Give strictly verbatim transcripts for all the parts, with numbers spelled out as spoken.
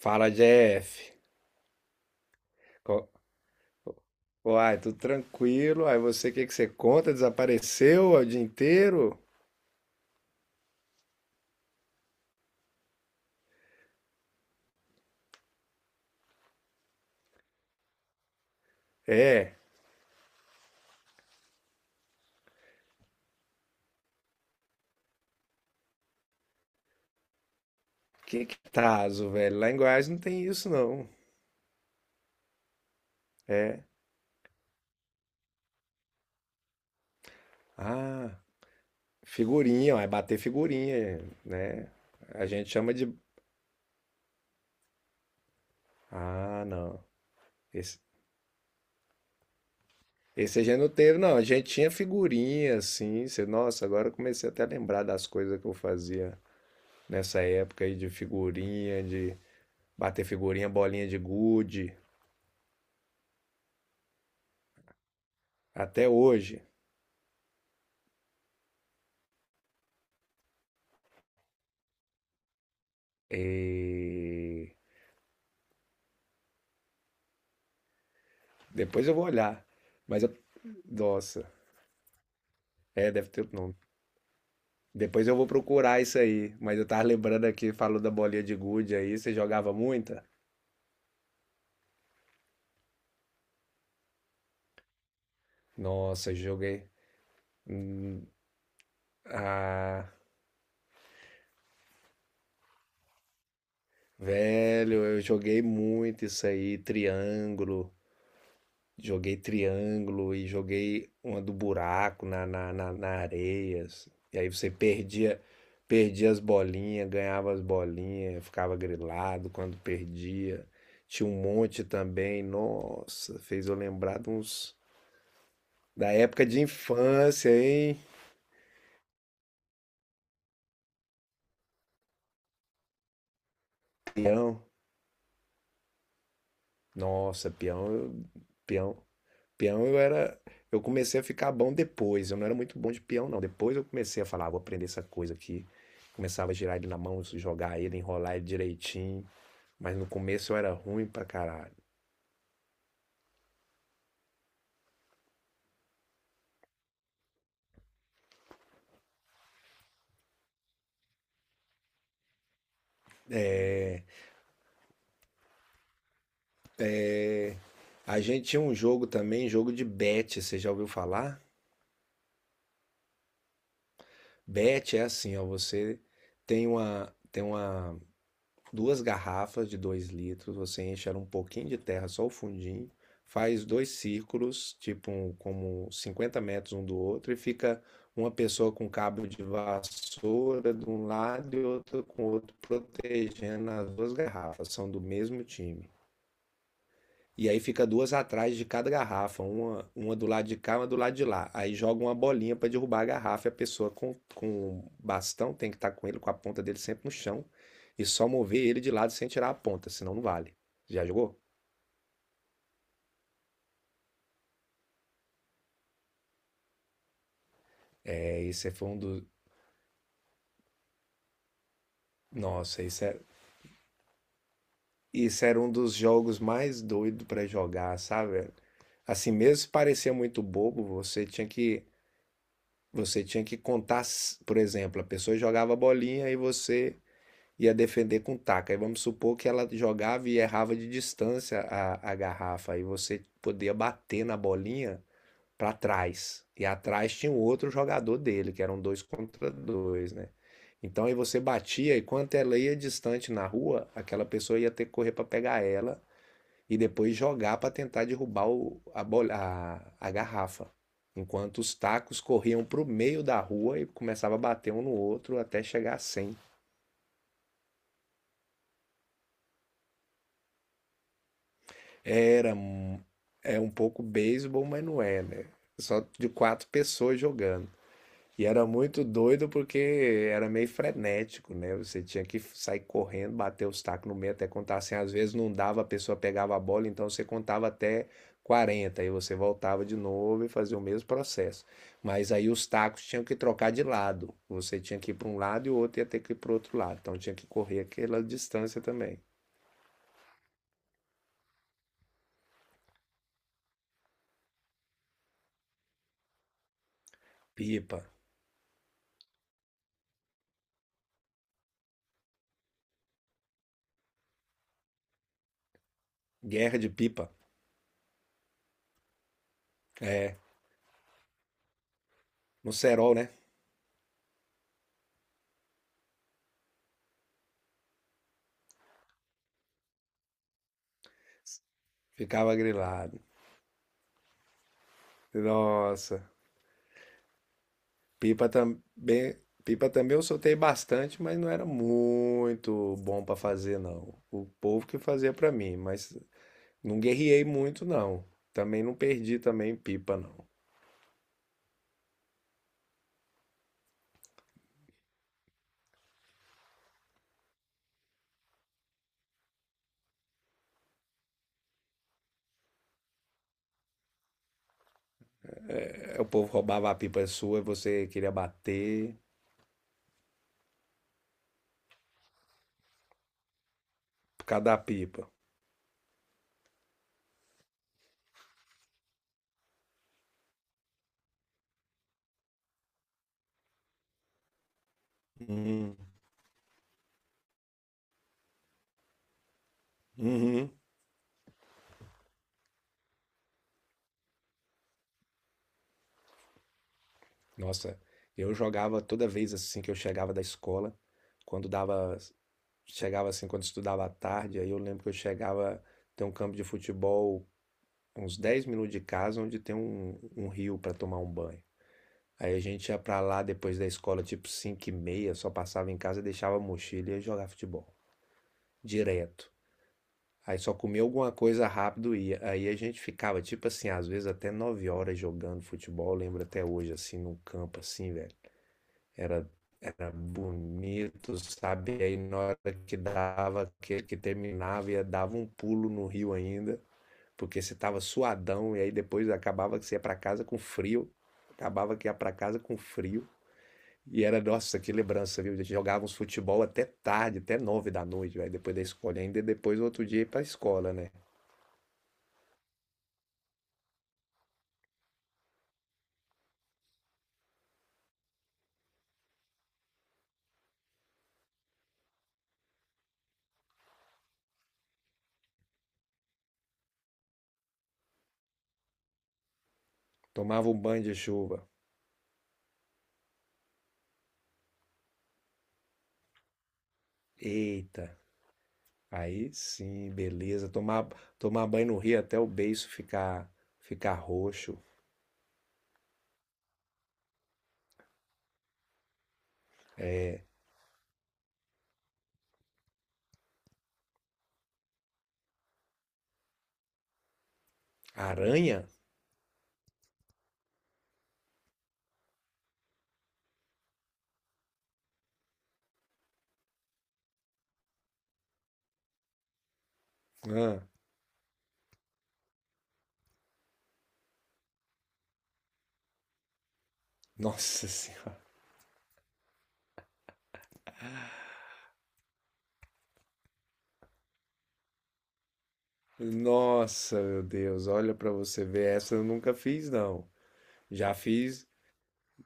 Fala, Jeff. Co- Uai, tudo tranquilo? Aí você, o que que você conta? Desapareceu o dia inteiro? É. Que que tazo, velho? Lá em Goiás não tem isso, não. Ah, figurinha, uai, bater figurinha, né? A gente chama de... Ah, não. Esse, esse a gente não teve, não. A gente tinha figurinha, assim. Você... Nossa, agora eu comecei até a lembrar das coisas que eu fazia nessa época aí de figurinha, de bater figurinha, bolinha de gude. Até hoje. E... Depois eu vou olhar. Mas eu. Nossa. É, deve ter outro nome. Depois eu vou procurar isso aí. Mas eu tava lembrando aqui, falou da bolinha de gude aí. Você jogava muita? Nossa, eu joguei. hum, Ah, velho, eu joguei muito isso aí. Triângulo. Joguei triângulo e joguei uma do buraco na, na, na, na areia. Assim. E aí você perdia, perdia as bolinhas, ganhava as bolinhas, ficava grilado quando perdia. Tinha um monte também. Nossa, fez eu lembrar de uns. Da época de infância, hein? Peão. Nossa, peão, eu- peão. Peão eu era. Eu comecei a ficar bom depois. Eu não era muito bom de peão, não. Depois eu comecei a falar, ah, vou aprender essa coisa aqui. Começava a girar ele na mão, jogar ele, enrolar ele direitinho. Mas no começo eu era ruim pra caralho. A gente tinha um jogo também, jogo de bet. Você já ouviu falar? Bet é assim, ó. Você tem uma, tem uma, duas garrafas de dois litros, você enche ela um pouquinho de terra, só o fundinho, faz dois círculos, tipo um- como cinquenta metros um do outro, e fica uma pessoa com cabo de vassoura de um lado e outra com o outro, protegendo as duas garrafas, são do mesmo time. E aí fica duas atrás de cada garrafa, uma, uma do lado de cá, uma do lado de lá. Aí joga uma bolinha para derrubar a garrafa e a pessoa com, com bastão tem que estar com ele, com a ponta dele sempre no chão e só mover ele de lado sem tirar a ponta, senão não vale. Já jogou? É, esse é, foi um dos. Nossa, isso era, isso era um dos jogos mais doidos para jogar, sabe? Assim, mesmo se parecia muito bobo, você tinha que. Você tinha que contar, por exemplo, a pessoa jogava a bolinha e você ia defender com taco. Aí vamos supor que ela jogava e errava de distância a, a garrafa, aí você podia bater na bolinha para trás. E atrás tinha um outro jogador dele, que eram dois contra dois, né? Então aí você batia e quanto ela ia distante na rua, aquela pessoa ia ter que correr para pegar ela e depois jogar para tentar derrubar o, a, bol- a, a garrafa. Enquanto os tacos corriam para o meio da rua e começava a bater um no outro até chegar a cem. Era um- é um pouco beisebol, mas não é, né? Só de quatro pessoas jogando. E era muito doido porque era meio frenético, né? Você tinha que sair correndo, bater os tacos no meio até contar assim. Às vezes não dava, a pessoa pegava a bola, então você contava até quarenta, aí você voltava de novo e fazia o mesmo processo. Mas aí os tacos tinham que trocar de lado. Você tinha que ir para um lado e o outro ia ter que ir para o outro lado. Então tinha que correr aquela distância também. Pipa. Guerra de pipa. É. No cerol, né? Ficava grilado. Nossa. Pipa também, pipa também eu soltei bastante, mas não era muito bom para fazer não. O povo que fazia para mim, mas não guerriei muito não. Também não perdi também pipa não. É, o povo roubava a pipa sua e você queria bater por causa da pipa. Uhum. Uhum. Nossa, eu jogava toda vez assim que eu chegava da escola, quando dava chegava assim quando estudava à tarde, aí eu lembro que eu chegava, tem um campo de futebol uns dez minutos de casa, onde tem um, um rio para tomar um banho. Aí a gente ia pra lá depois da escola, tipo cinco e meia, só passava em casa, deixava a mochila e ia jogar futebol. Direto. Aí só comia alguma coisa rápido e ia. Aí a gente ficava, tipo assim, às vezes até nove horas jogando futebol, lembro até hoje, assim, num campo assim, velho. Era, era bonito, sabe? E aí na hora que dava, que, que terminava, ia dava um pulo no rio ainda, porque você tava suadão, e aí depois acabava que você ia pra casa com frio. Acabava que ia pra casa com frio. E era, nossa, que lembrança, viu? A gente jogava uns futebol até tarde, até nove da noite, velho, depois da escola. E ainda depois, outro dia, ir pra escola, né? Tomava um banho de chuva. Eita, aí sim, beleza. Tomar, tomar banho no rio até o beiço ficar, ficar roxo. É, aranha? Ah, nossa senhora. Nossa, meu Deus. Olha pra você ver. Essa eu nunca fiz, não. Já fiz.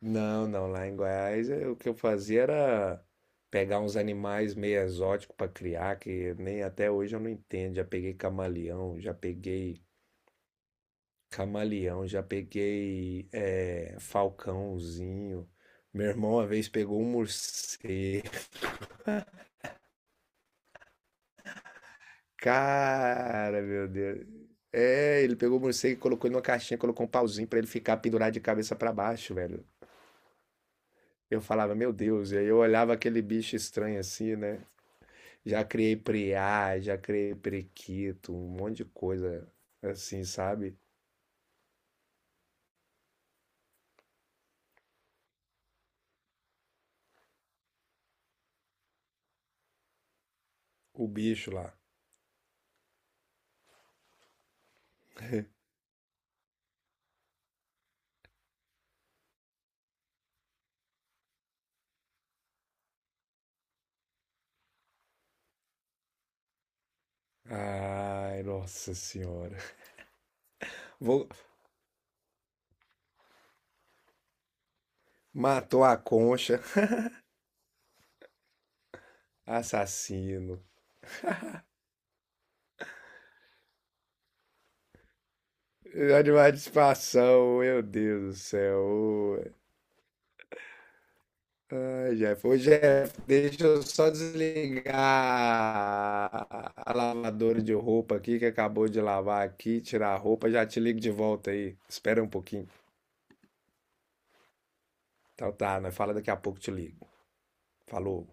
Não, não. Lá em Goiás, eh, o que eu fazia era pegar uns animais meio exóticos pra criar, que nem até hoje eu não entendo. Já peguei camaleão, já peguei camaleão, já peguei eh, falcãozinho. Meu irmão uma vez pegou um morcego. Cara, meu Deus. É, ele pegou o morcego e colocou ele numa caixinha, colocou um pauzinho pra ele ficar pendurado de cabeça pra baixo, velho. Eu falava, meu Deus, e aí eu olhava aquele bicho estranho assim, né? Já criei preá, já criei prequito, um monte de coisa assim, sabe? O bicho lá. Ai, nossa senhora. Vou... Matou a concha, assassino. Animal de estimação, meu Deus do céu. Ai, Jeff. Ô, Jeff, deixa eu só desligar a lavadora de roupa aqui, que acabou de lavar aqui, tirar a roupa, já te ligo de volta aí. Espera um pouquinho. Então tá, nós fala daqui a pouco, te ligo. Falou.